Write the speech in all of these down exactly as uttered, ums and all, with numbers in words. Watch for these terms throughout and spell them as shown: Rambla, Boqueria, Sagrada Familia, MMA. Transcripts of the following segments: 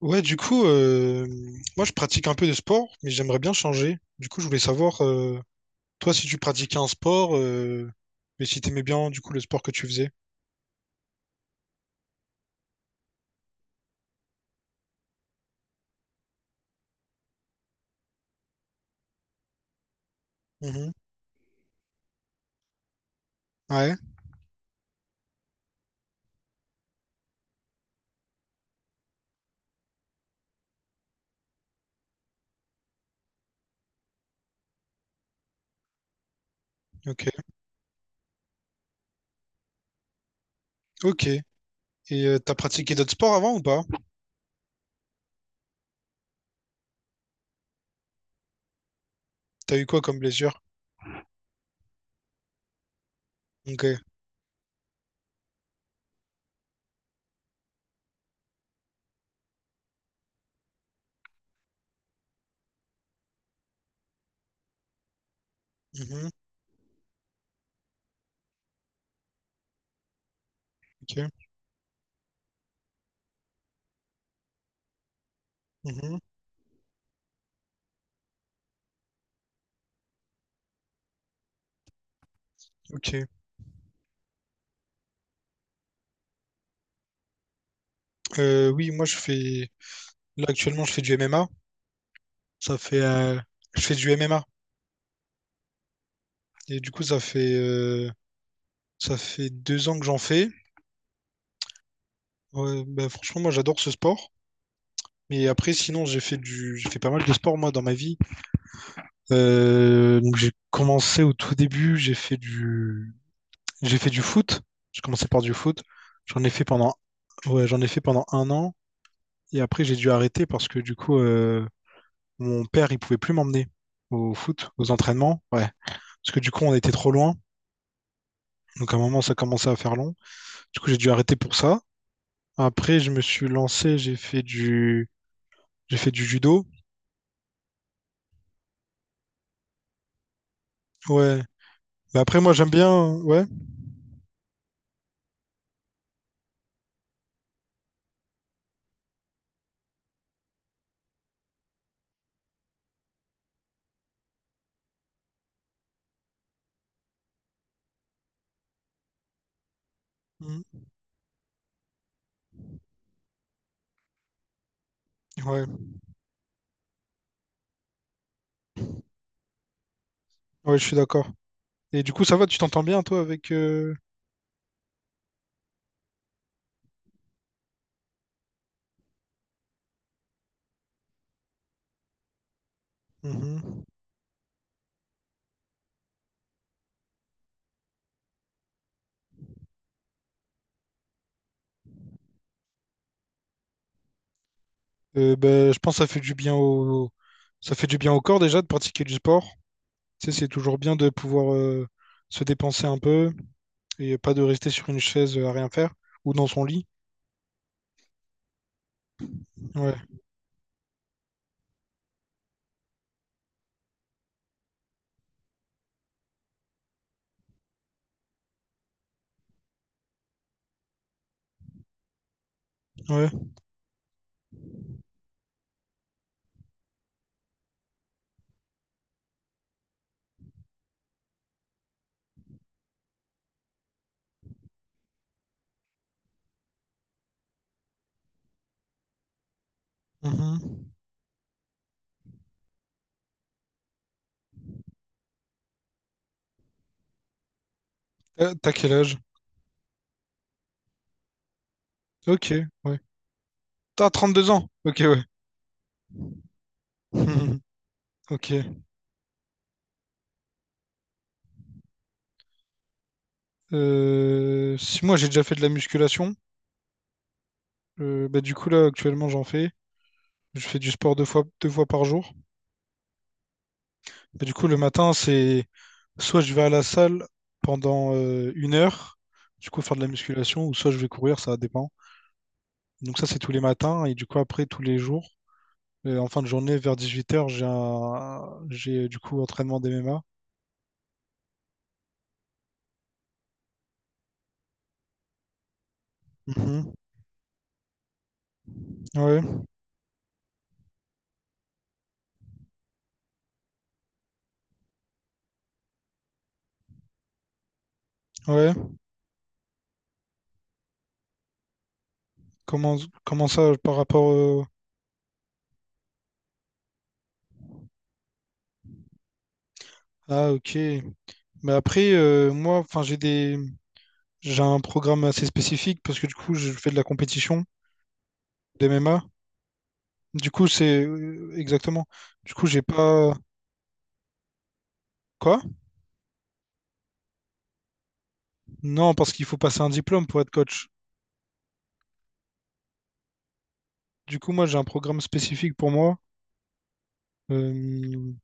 Ouais, du coup, euh, moi je pratique un peu de sport, mais j'aimerais bien changer. Du coup, je voulais savoir, euh, toi, si tu pratiquais un sport, euh, et si t'aimais bien, du coup, le sport que tu faisais. Mhm. Ouais, ok. Ok. Et euh, t'as pratiqué d'autres sports avant ou pas? T'as eu quoi comme blessure? Ok. Mhm. Ok. Mhm. Ok. Euh, oui, moi je fais. Là actuellement, je fais du M M A. Ça fait. Euh, Je fais du M M A. Et du coup, ça fait, euh, ça fait deux ans que j'en fais. Ouais, bah, franchement, moi, j'adore ce sport. Mais après, sinon, j'ai fait du, j'ai fait pas mal de sport, moi, dans ma vie. Euh, donc, j'ai commencé au tout début, j'ai fait du, j'ai fait du foot. J'ai commencé par du foot. J'en ai fait pendant, ouais, j'en ai fait pendant un an. Et après, j'ai dû arrêter parce que, du coup, euh, mon père, il pouvait plus m'emmener au foot, aux entraînements. Ouais. Parce que, du coup, on était trop loin. Donc, à un moment, ça commençait à faire long. Du coup, j'ai dû arrêter pour ça. Après, je me suis lancé, j'ai fait du, j'ai fait du judo. Ouais. Mais après, moi, j'aime bien. Ouais. Mm. Ouais. Ouais, je suis d'accord. Et du coup, ça va, tu t'entends bien, toi, avec. Euh, mhm. Euh, ben, je pense que ça fait du bien au... ça fait du bien au corps déjà de pratiquer du sport. Tu sais, c'est toujours bien de pouvoir euh, se dépenser un peu et pas de rester sur une chaise euh, à rien faire ou dans son lit. Ouais, ouais. Mhm. Euh, t'as quel âge? Ok, ouais. T'as trente-deux ans? Ok, ouais. Mhm. Ok. Euh, si moi j'ai déjà fait de la musculation, euh, bah, du coup là actuellement j'en fais. Je fais du sport deux fois, deux fois par jour. Bah, du coup le matin c'est soit je vais à la salle pendant euh, une heure, du coup faire de la musculation, ou soit je vais courir, ça dépend. Donc ça, c'est tous les matins, et du coup après, tous les jours. Et en fin de journée, vers dix-huit heures, j'ai un... j'ai du coup entraînement d'M M A. Mhm. Ouais, ouais. Comment, comment ça par rapport euh, Ah, ok. Mais après, euh, moi, enfin, j'ai des... j'ai un programme assez spécifique parce que du coup, je fais de la compétition d'M M A. Du coup, c'est euh, exactement. Du coup, j'ai pas. Quoi? Non, parce qu'il faut passer un diplôme pour être coach. Du coup, moi, j'ai un programme spécifique pour moi. Euh,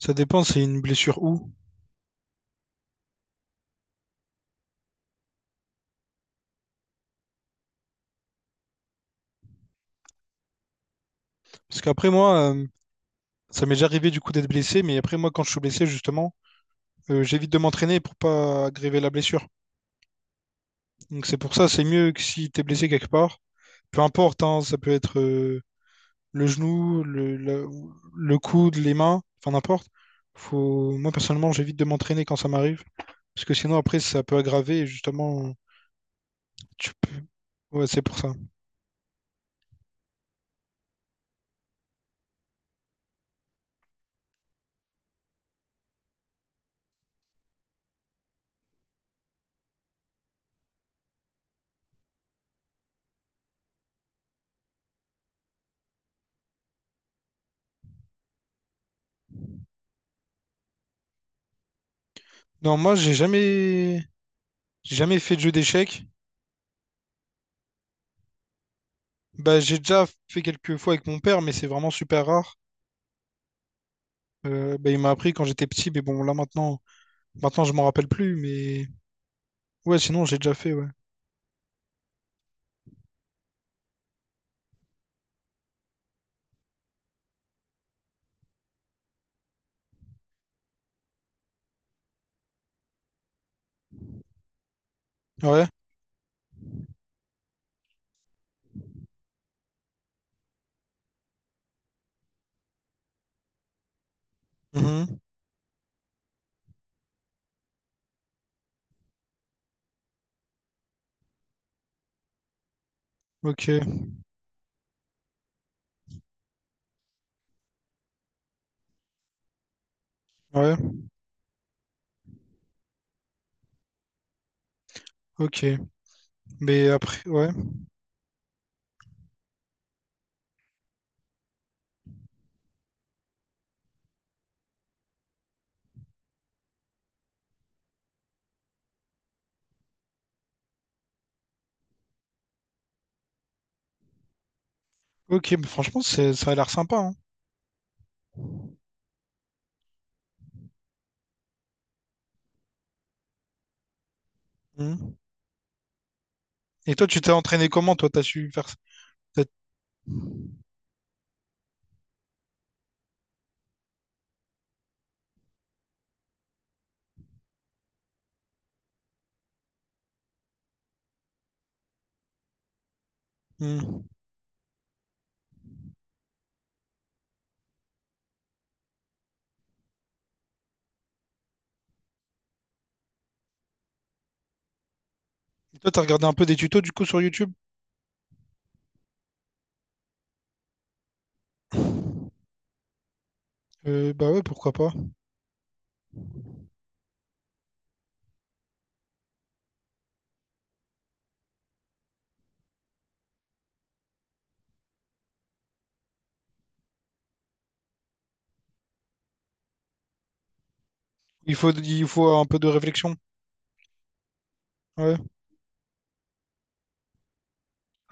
Ça dépend, c'est une blessure où. Parce qu'après moi, euh, ça m'est déjà arrivé du coup d'être blessé, mais après moi, quand je suis blessé, justement, euh, j'évite de m'entraîner pour pas aggraver la blessure. Donc c'est pour ça, c'est mieux que si t'es blessé quelque part. Peu importe, hein, ça peut être euh, le genou, le, le, le coude, les mains, enfin n'importe. Faut... Moi, personnellement, j'évite de m'entraîner quand ça m'arrive. Parce que sinon, après, ça peut aggraver et justement. Tu peux... Ouais, c'est pour ça. Non, moi, j'ai jamais... j'ai jamais fait de jeu d'échecs. Bah, j'ai déjà fait quelques fois avec mon père, mais c'est vraiment super rare. Euh, bah, il m'a appris quand j'étais petit, mais bon, là maintenant, maintenant je m'en rappelle plus, mais... Ouais, sinon, j'ai déjà fait, ouais. Ouais. Mhm. Ok. Ouais. Ok. Mais après, ouais. Ok, mais franchement, c'est- ça a l'air sympa, hein. Hmm. Et toi, tu t'es entraîné comment, toi? T'as su faire ça? T'as- hmm. Et Toi, t'as regardé un peu des tutos, du coup, sur YouTube? Euh, bah ouais, pourquoi pas. Il faut, il faut un peu de réflexion. Ouais,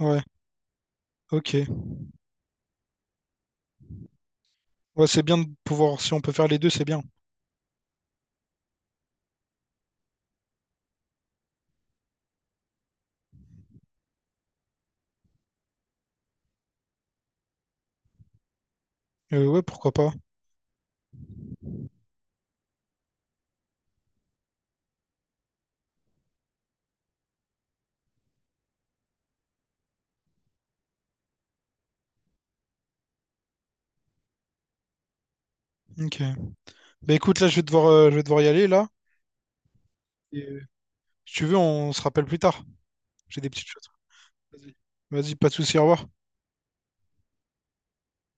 ouais, ok. Ouais, c'est bien de pouvoir, si on peut faire les deux, c'est bien. Euh, ouais, pourquoi pas. Ok. Bah écoute, là, je vais devoir, euh, je vais devoir y aller, là. Et, euh, si tu veux, on se rappelle plus tard. J'ai des petites choses. Vas-y, Vas-y, pas de souci, au revoir.